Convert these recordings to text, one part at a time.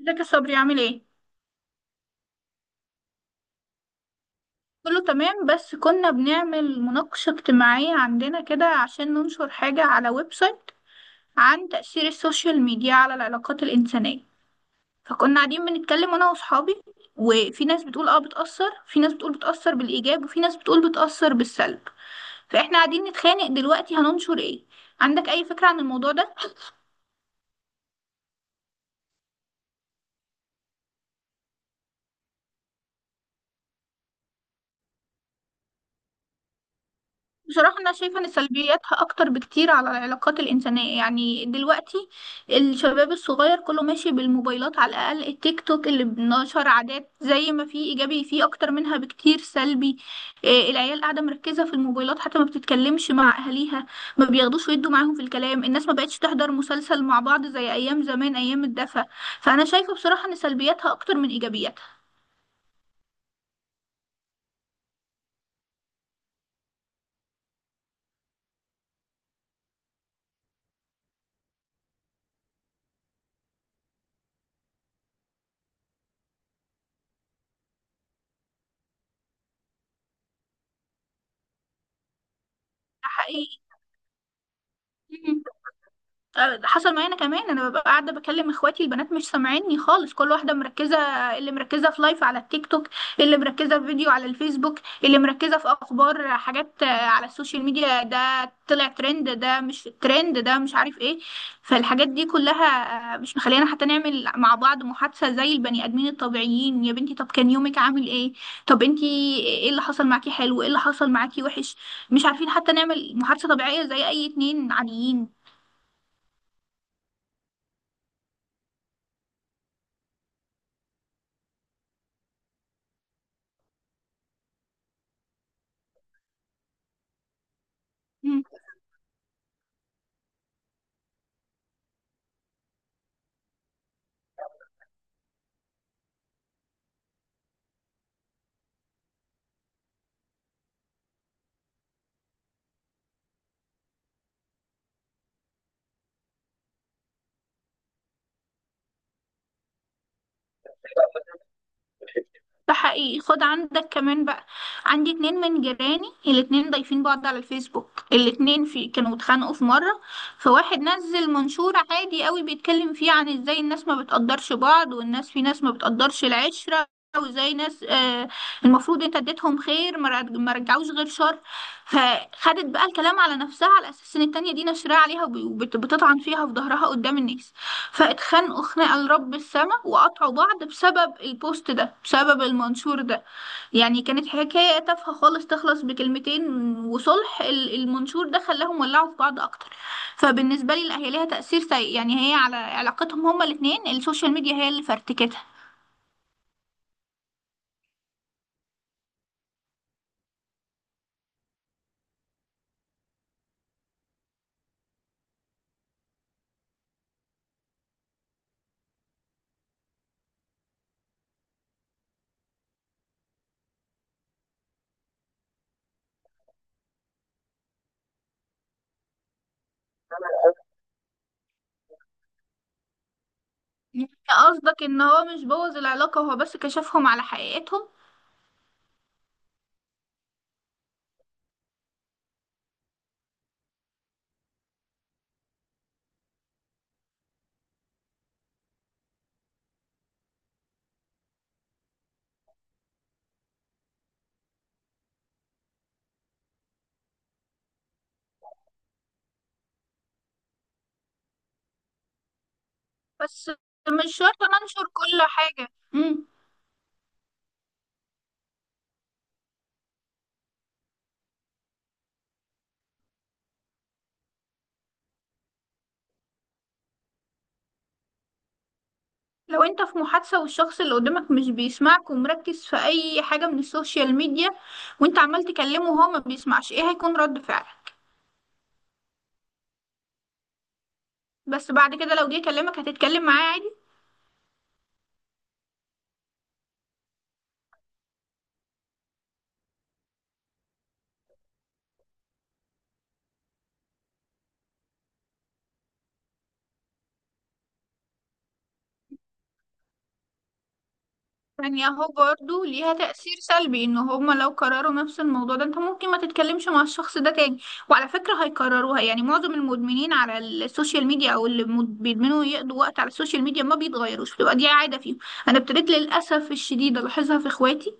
ازيك يا صبري عامل ايه؟ كله تمام، بس كنا بنعمل مناقشة اجتماعية عندنا كده عشان ننشر حاجة على ويب سايت عن تأثير السوشيال ميديا على العلاقات الإنسانية. فكنا قاعدين بنتكلم أنا وأصحابي، وفي ناس بتقول بتأثر، في ناس بتقول بتأثر بالإيجاب، وفي ناس بتقول بتأثر بالسلب. فإحنا قاعدين نتخانق دلوقتي هننشر ايه؟ عندك أي فكرة عن الموضوع ده؟ بصراحة أنا شايفة إن سلبياتها أكتر بكتير على العلاقات الإنسانية. يعني دلوقتي الشباب الصغير كله ماشي بالموبايلات، على الأقل التيك توك اللي بنشر عادات، زي ما في إيجابي فيه أكتر منها بكتير سلبي. إيه، العيال قاعدة مركزة في الموبايلات، حتى ما بتتكلمش مع أهاليها، ما بياخدوش ويدوا معاهم في الكلام. الناس ما بقتش تحضر مسلسل مع بعض زي أيام زمان، أيام الدفا. فأنا شايفة بصراحة إن سلبياتها أكتر من إيجابياتها. ده حقيقي. أه، حصل معايا انا كمان. انا ببقى قاعده بكلم اخواتي البنات، مش سامعيني خالص، كل واحده مركزه. اللي مركزه في لايف على التيك توك، اللي مركزه في فيديو على الفيسبوك، اللي مركزه في اخبار حاجات على السوشيال ميديا، ده طلع ترند، ده مش ترند، ده مش عارف ايه. فالحاجات دي كلها مش مخلينا حتى نعمل مع بعض محادثه زي البني ادمين الطبيعيين. يا بنتي، طب كان يومك عامل ايه؟ طب انتي ايه اللي حصل معاكي حلو؟ ايه اللي حصل معاكي وحش؟ مش عارفين حتى نعمل محادثه طبيعيه زي اي اتنين عاديين. ده حقيقي. خد عندك كمان بقى، عندي اتنين من جيراني، الاتنين ضايفين بعض على الفيسبوك. الاتنين في كانوا اتخانقوا في مرة، فواحد نزل منشور عادي قوي بيتكلم فيه عن ازاي الناس ما بتقدرش بعض، والناس في ناس ما بتقدرش العشرة، وازاي ناس المفروض انت اديتهم خير ما رجعوش غير شر. فخدت بقى الكلام على نفسها، على اساس ان التانية دي نشرها عليها وبتطعن فيها في ظهرها قدام الناس. فاتخانقوا خناقة لرب السماء، وقطعوا بعض بسبب البوست ده، بسبب المنشور ده. يعني كانت حكاية تافهة خالص تخلص بكلمتين، وصلح المنشور ده خلاهم ولعوا في بعض أكتر. فبالنسبة لي لا، هي ليها تأثير سيء. يعني هي على علاقتهم هما الاتنين، السوشيال ميديا هي اللي فرتكتها. يعني قصدك إن هو مش بوظ العلاقة، هو بس كشفهم على حقيقتهم. بس مش شرط ننشر كل حاجة. مم. لو انت في محادثة والشخص اللي قدامك مش بيسمعك ومركز في اي حاجة من السوشيال ميديا، وانت عمال تكلمه وهو ما بيسمعش، ايه هيكون رد فعلك؟ بس بعد كده لو جه يكلمك هتتكلم معاه عادي؟ يعني اهو برضه ليها تأثير سلبي، ان هما لو كرروا نفس الموضوع ده انت ممكن ما تتكلمش مع الشخص ده تاني. وعلى فكرة هيكرروها، يعني معظم المدمنين على السوشيال ميديا او اللي بيدمنوا يقضوا وقت على السوشيال ميديا ما بيتغيروش، بتبقى دي عادة فيهم. انا ابتديت للأسف الشديد الاحظها في اخواتي.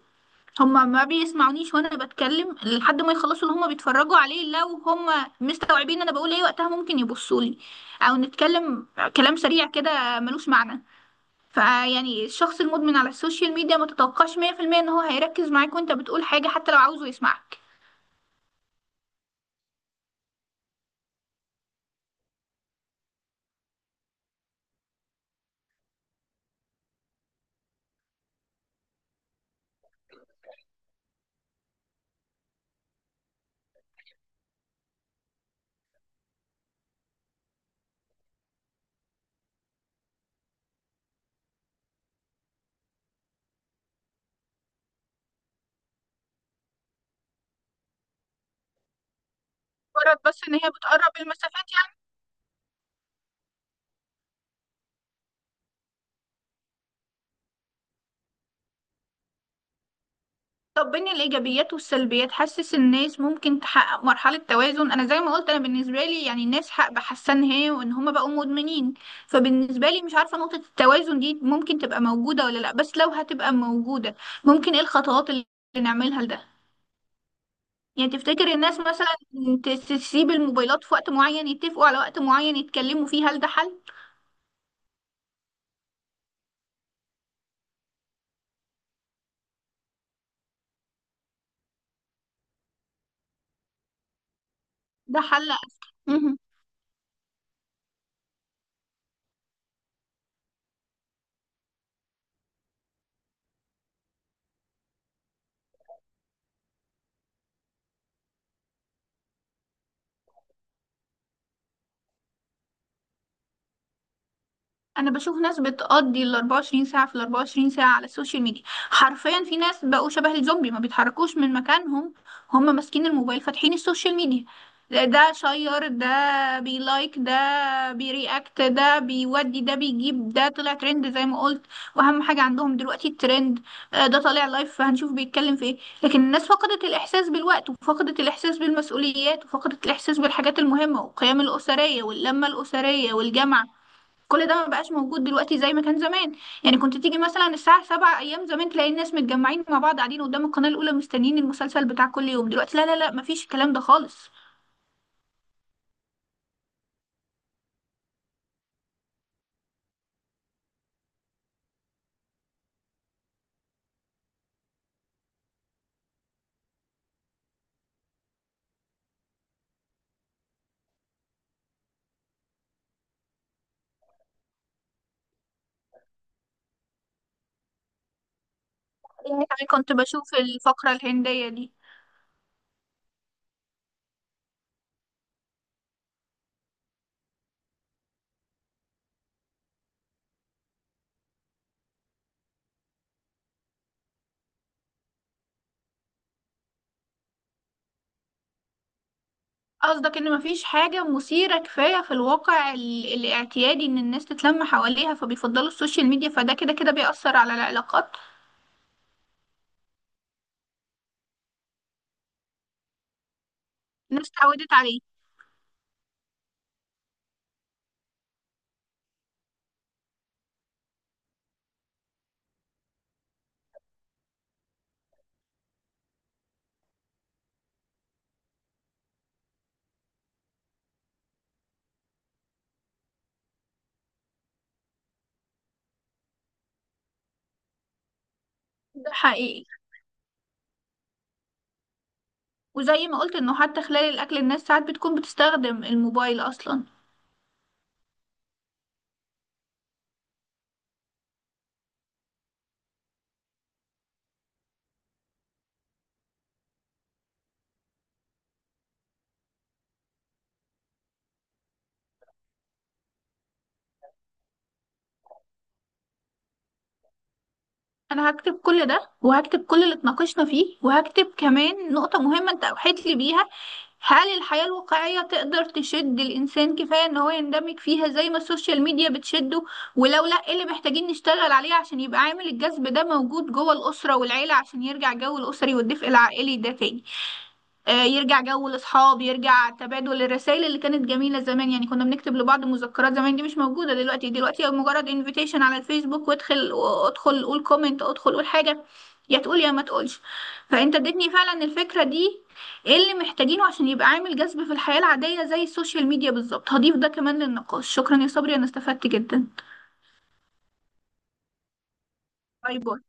هما ما بيسمعونيش وانا بتكلم لحد ما يخلصوا اللي هما بيتفرجوا عليه. لو هما مستوعبين انا بقول ايه، وقتها ممكن يبصوا لي او نتكلم كلام سريع كده ملوش معنى. فيعني الشخص المدمن على السوشيال ميديا ما تتوقعش 100% ان هو هيركز معاك وانت بتقول حاجة، حتى لو عاوزه يسمعك. مجرد بس ان هي بتقرب المسافات. طب بين الإيجابيات والسلبيات، حاسس الناس ممكن تحقق مرحلة توازن؟ أنا زي ما قلت، أنا بالنسبة لي، يعني الناس حق بحسها إن هي وإن هما بقوا مدمنين. فبالنسبة لي مش عارفة نقطة التوازن دي ممكن تبقى موجودة ولا لأ. بس لو هتبقى موجودة، ممكن إيه الخطوات اللي نعملها لده؟ يعني تفتكر الناس مثلا تسيب الموبايلات في وقت معين، يتفقوا على وقت معين يتكلموا فيه، هل ده حل؟ ده حل أذكى. انا بشوف ناس بتقضي ال 24 ساعه في ال 24 ساعه على السوشيال ميديا. حرفيا في ناس بقوا شبه الزومبي ما بيتحركوش من مكانهم. هم ماسكين الموبايل فاتحين السوشيال ميديا. ده ده شير، ده بيلايك، ده بيرياكت، ده بيودي، ده بيجيب، ده طلع ترند، زي ما قلت. واهم حاجه عندهم دلوقتي الترند. ده طالع لايف، فهنشوف بيتكلم في ايه. لكن الناس فقدت الاحساس بالوقت، وفقدت الاحساس بالمسؤوليات، وفقدت الاحساس بالحاجات المهمه والقيم الاسريه واللمه الاسريه والجامعه. كل ده ما بقاش موجود دلوقتي زي ما كان زمان. يعني كنت تيجي مثلا الساعة 7 أيام زمان، تلاقي الناس متجمعين مع بعض قاعدين قدام القناة الأولى مستنيين المسلسل بتاع كل يوم. دلوقتي لا لا لا، مفيش الكلام ده خالص. يعني أنا كنت بشوف الفقرة الهندية دي. قصدك إن مفيش حاجة مثيرة كفاية في الواقع الاعتيادي إن الناس تتلم حواليها، فبيفضلوا السوشيال ميديا، فده كده كده بيأثر على العلاقات. الناس اتعودت عليه. ده حقيقي. وزي ما قلت إنه حتى خلال الأكل الناس ساعات بتكون بتستخدم الموبايل أصلا. انا هكتب كل ده، وهكتب كل اللي اتناقشنا فيه، وهكتب كمان نقطة مهمة انت اوحيت لي بيها. هل الحياة الواقعية تقدر تشد الانسان كفاية ان هو يندمج فيها زي ما السوشيال ميديا بتشده؟ ولو لا، ايه اللي محتاجين نشتغل عليه عشان يبقى عامل الجذب ده موجود جوه الاسرة والعيلة، عشان يرجع جو الاسري والدفء العائلي ده تاني. يرجع جو الاصحاب، يرجع تبادل الرسائل اللي كانت جميله زمان. يعني كنا بنكتب لبعض مذكرات زمان، دي مش موجوده دلوقتي. دلوقتي مجرد انفيتيشن على الفيسبوك وادخل، ادخل قول كومنت، ادخل قول حاجه، يا تقول يا ما تقولش. فانت اديتني فعلا الفكره دي، ايه اللي محتاجينه عشان يبقى عامل جذب في الحياه العاديه زي السوشيال ميديا بالظبط. هضيف ده كمان للنقاش. شكرا يا صبري، انا استفدت جدا. باي باي.